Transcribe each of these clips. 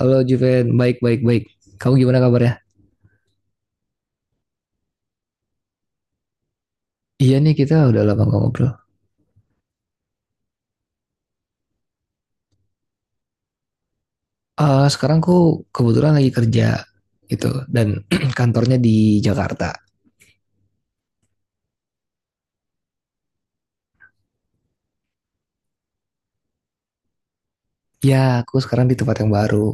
Halo Juven, baik baik baik. Kamu gimana kabarnya? Iya nih kita udah lama gak ngobrol. Ah sekarang aku kebetulan lagi kerja gitu dan kantornya di Jakarta. Ya aku sekarang di tempat yang baru.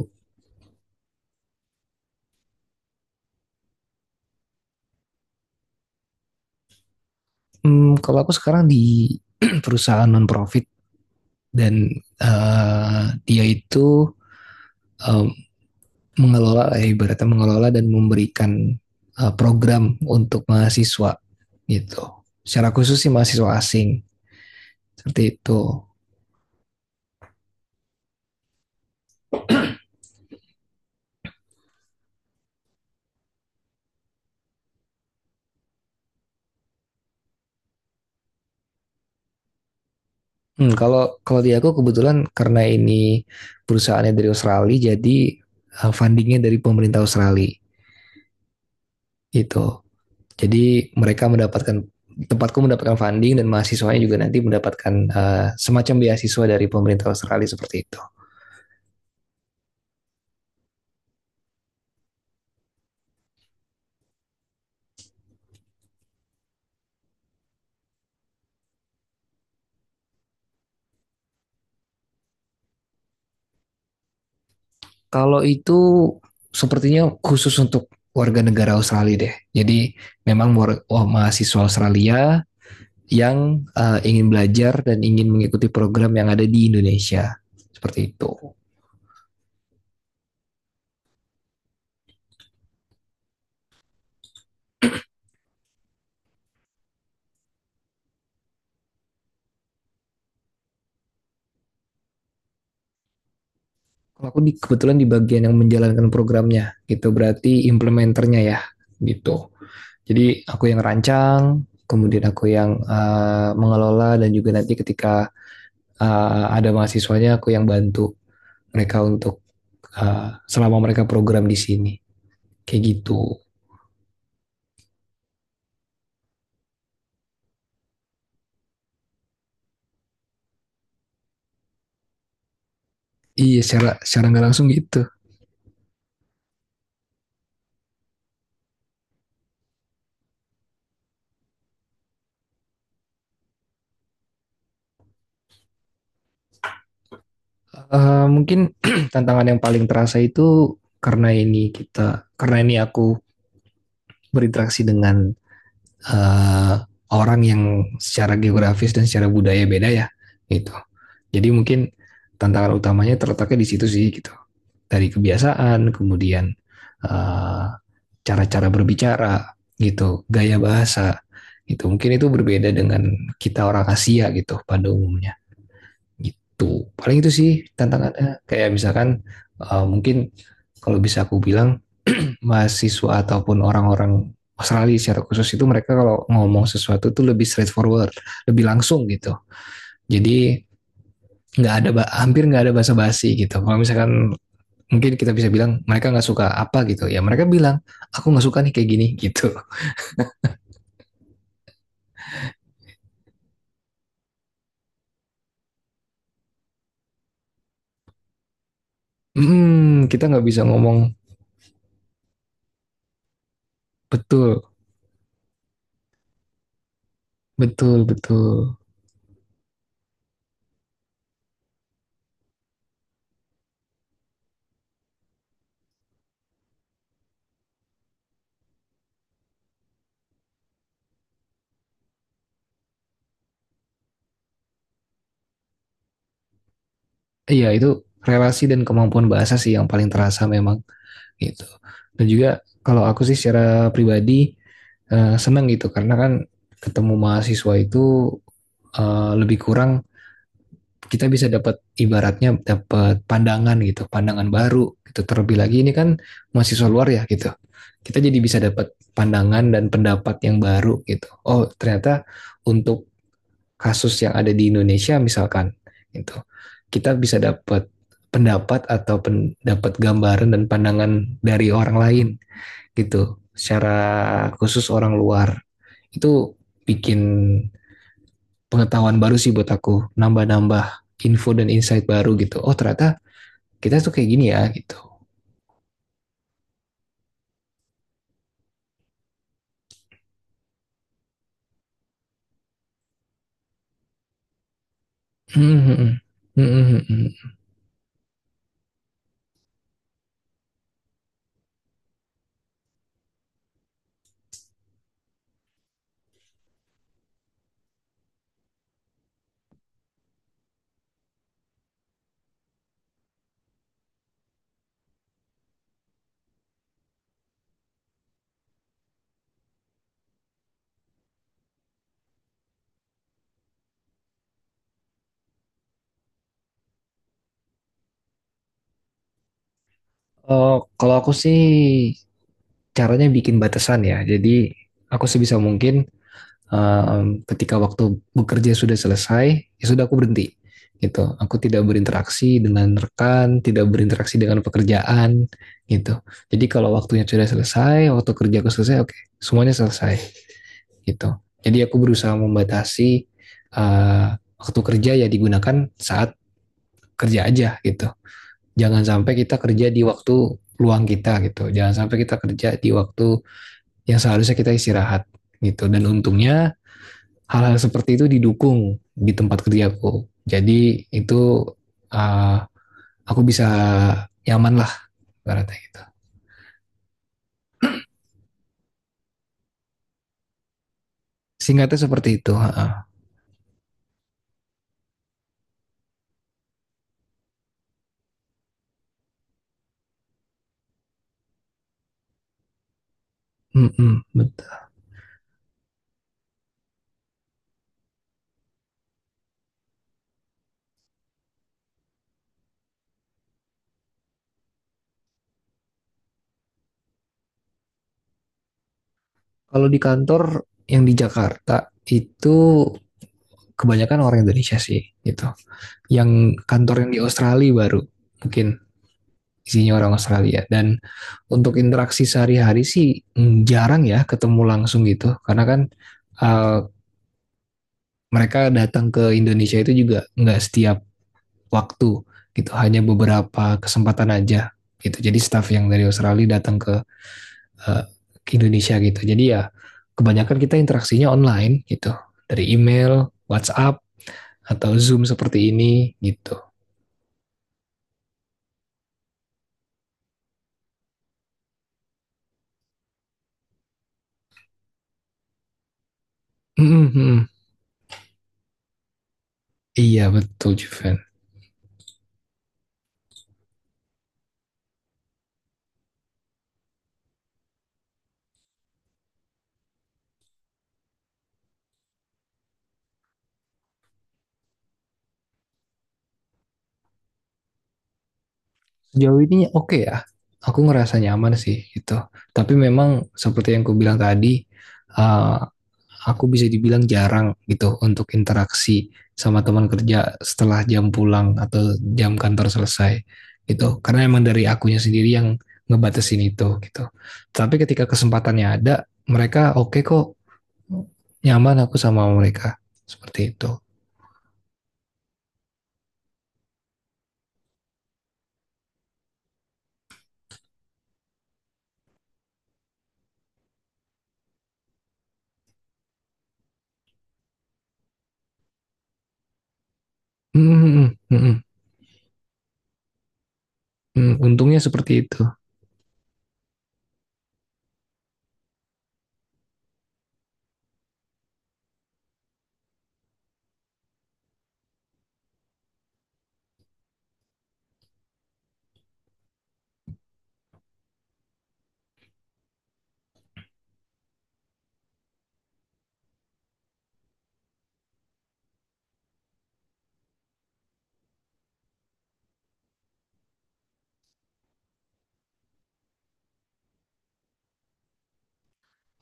Kalau aku sekarang di perusahaan non profit dan dia itu eh, mengelola, ibaratnya mengelola dan memberikan program untuk mahasiswa gitu. Secara khusus sih mahasiswa asing seperti itu. Hmm, kalau kalau di aku kebetulan karena ini perusahaannya dari Australia, jadi fundingnya dari pemerintah Australia gitu. Jadi mereka mendapatkan tempatku mendapatkan funding dan mahasiswanya juga nanti mendapatkan semacam beasiswa dari pemerintah Australia seperti itu. Kalau itu sepertinya khusus untuk warga negara Australia deh. Jadi memang mahasiswa Australia yang ingin belajar dan ingin mengikuti program yang ada di Indonesia seperti itu. Kalau aku kebetulan di bagian yang menjalankan programnya, gitu. Berarti implementernya ya, gitu. Jadi aku yang rancang, kemudian aku yang mengelola dan juga nanti ketika ada mahasiswanya aku yang bantu mereka untuk selama mereka program di sini, kayak gitu. Iya, secara secara nggak langsung gitu. Mungkin tantangan yang paling terasa itu, karena ini aku berinteraksi dengan eh, orang yang secara geografis dan secara budaya beda ya gitu. Jadi mungkin tantangan utamanya terletaknya di situ sih gitu. Dari kebiasaan, kemudian eh, cara-cara berbicara gitu, gaya bahasa gitu. Mungkin itu berbeda dengan kita orang Asia gitu pada umumnya gitu. Paling itu sih tantangannya. Kayak misalkan mungkin kalau bisa aku bilang mahasiswa ataupun orang-orang Australia secara khusus itu, mereka kalau ngomong sesuatu tuh lebih straightforward, lebih langsung gitu. Jadi nggak ada hampir nggak ada basa-basi gitu. Kalau misalkan mungkin kita bisa bilang mereka nggak suka apa gitu, ya mereka bilang aku nggak suka nih kayak gini gitu. Kita nggak bisa ngomong. Betul, betul, betul. Iya itu relasi dan kemampuan bahasa sih yang paling terasa memang gitu. Dan juga kalau aku sih secara pribadi senang gitu karena kan ketemu mahasiswa itu lebih kurang kita bisa dapat, ibaratnya dapat pandangan gitu, pandangan baru gitu. Terlebih lagi ini kan mahasiswa luar ya gitu. Kita jadi bisa dapat pandangan dan pendapat yang baru gitu. Oh, ternyata untuk kasus yang ada di Indonesia misalkan gitu. Kita bisa dapat pendapat atau pendapat, gambaran dan pandangan dari orang lain gitu, secara khusus orang luar. Itu bikin pengetahuan baru sih buat aku, nambah-nambah info dan insight baru gitu. Oh, ternyata kita tuh kayak gini ya gitu. Hmm, hmm, hmm, hmm, hmm. Oh, kalau aku sih caranya bikin batasan ya, jadi aku sebisa mungkin ketika waktu bekerja sudah selesai, ya sudah aku berhenti gitu. Aku tidak berinteraksi dengan rekan, tidak berinteraksi dengan pekerjaan gitu. Jadi kalau waktunya sudah selesai, waktu kerjaku selesai, oke, okay, semuanya selesai gitu. Jadi aku berusaha membatasi waktu kerja ya digunakan saat kerja aja gitu. Jangan sampai kita kerja di waktu luang kita gitu. Jangan sampai kita kerja di waktu yang seharusnya kita istirahat gitu. Dan untungnya hal-hal seperti itu didukung di tempat kerjaku. Jadi itu uh, aku bisa nyaman lah ibaratnya gitu. Singkatnya seperti itu. Mm -mm, betul. Kalau di kantor yang di Jakarta itu kebanyakan orang Indonesia sih gitu. Yang kantor yang di Australia baru mungkin isinya orang Australia, dan untuk interaksi sehari-hari sih jarang ya ketemu langsung gitu karena kan uh, mereka datang ke Indonesia itu juga nggak setiap waktu gitu, hanya beberapa kesempatan aja gitu. Jadi staff yang dari Australia datang eh, ke Indonesia gitu, jadi ya kebanyakan kita interaksinya online gitu, dari email, WhatsApp atau Zoom seperti ini gitu. Mm, mm, mm. Iya betul Juven. Sejauh ini oke ya, aku ngerasa nyaman sih gitu. Tapi memang seperti yang aku bilang tadi, eh, aku bisa dibilang jarang gitu untuk interaksi sama teman kerja setelah jam pulang atau jam kantor selesai gitu. Karena emang dari akunya sendiri yang ngebatasin itu gitu. Tapi ketika kesempatannya ada, mereka oke kok, nyaman aku sama mereka seperti itu. Hmm, hmm, hmm, hmm, hmm. Untungnya seperti itu.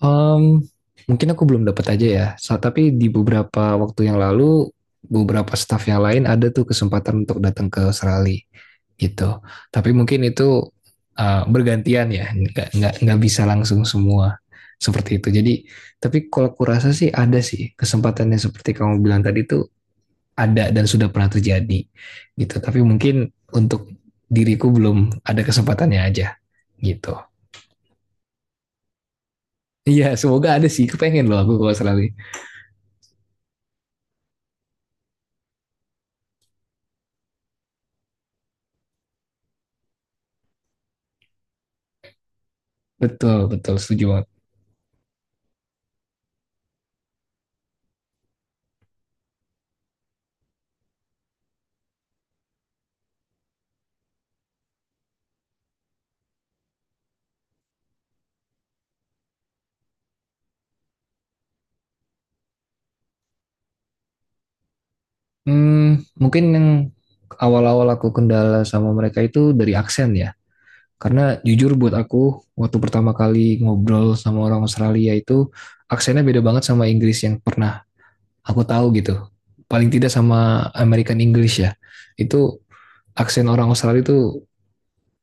Mmm, mungkin aku belum dapat aja ya, tapi di beberapa waktu yang lalu, beberapa staff yang lain ada tuh kesempatan untuk datang ke Australia, gitu. Tapi mungkin itu, bergantian ya, nggak bisa langsung semua, seperti itu. Jadi tapi kalau kurasa sih ada sih kesempatannya seperti kamu bilang tadi, itu ada dan sudah pernah terjadi, gitu. Tapi mungkin untuk diriku belum ada kesempatannya aja, gitu. Iya, semoga ada sih, kepengen loh aku ke Australia. Betul, betul, setuju banget. Mungkin yang awal-awal aku kendala sama mereka itu dari aksen ya. Karena jujur buat aku, waktu pertama kali ngobrol sama orang Australia itu, aksennya beda banget sama Inggris yang pernah aku tahu gitu. Paling tidak sama American English ya. Itu aksen orang Australia itu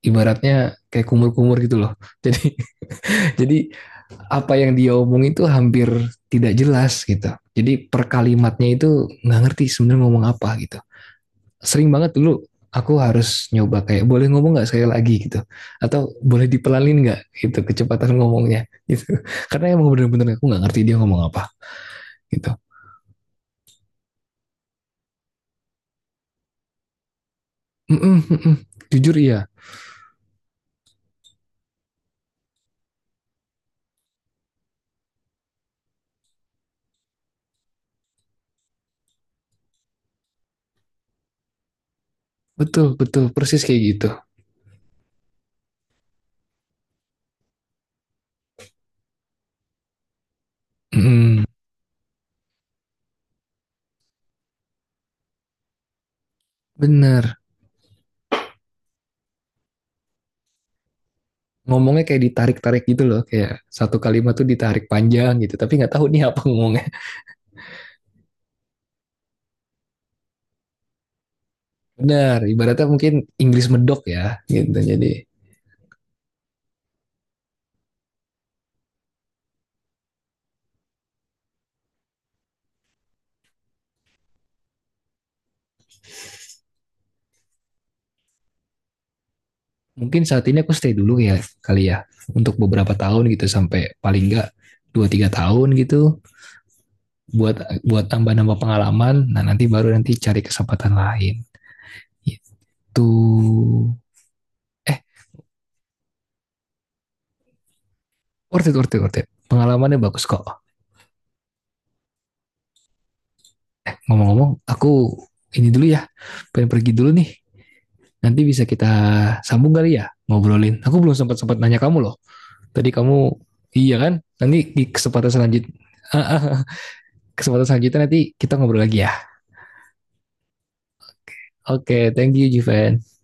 ibaratnya kayak kumur-kumur gitu loh. Jadi jadi apa yang dia omong itu hampir tidak jelas gitu. Jadi per kalimatnya itu nggak ngerti sebenarnya ngomong apa gitu. Sering banget dulu aku harus nyoba kayak, boleh ngomong nggak sekali lagi gitu, atau boleh dipelanin nggak gitu kecepatan ngomongnya gitu. Karena emang bener-bener aku nggak ngerti dia ngomong apa gitu. Mm -mm, mm -mm. Jujur iya, betul betul persis kayak gitu. Mm -mm. Bener, ngomongnya kayak ditarik-tarik gitu loh, kayak satu kalimat tuh ditarik panjang gitu tapi nggak tahu nih apa ngomongnya. Benar, ibaratnya mungkin Inggris medok ya gitu, jadi. Mungkin saat ini aku stay dulu ya kali ya, untuk beberapa tahun gitu, sampai paling enggak 2-3 tahun gitu, buat buat tambah-nambah pengalaman, nah nanti baru nanti cari kesempatan lain itu. Eh worth it worth it worth it, pengalamannya bagus kok. Ngomong-ngomong aku ini dulu ya, pengen pergi dulu nih, nanti bisa kita sambung kali ya ngobrolin, aku belum sempat sempat nanya kamu loh. Tadi kamu, iya kan, nanti di kesempatan selanjutnya. Kesempatan selanjutnya nanti kita ngobrol lagi ya. Oke, thank you Jiven.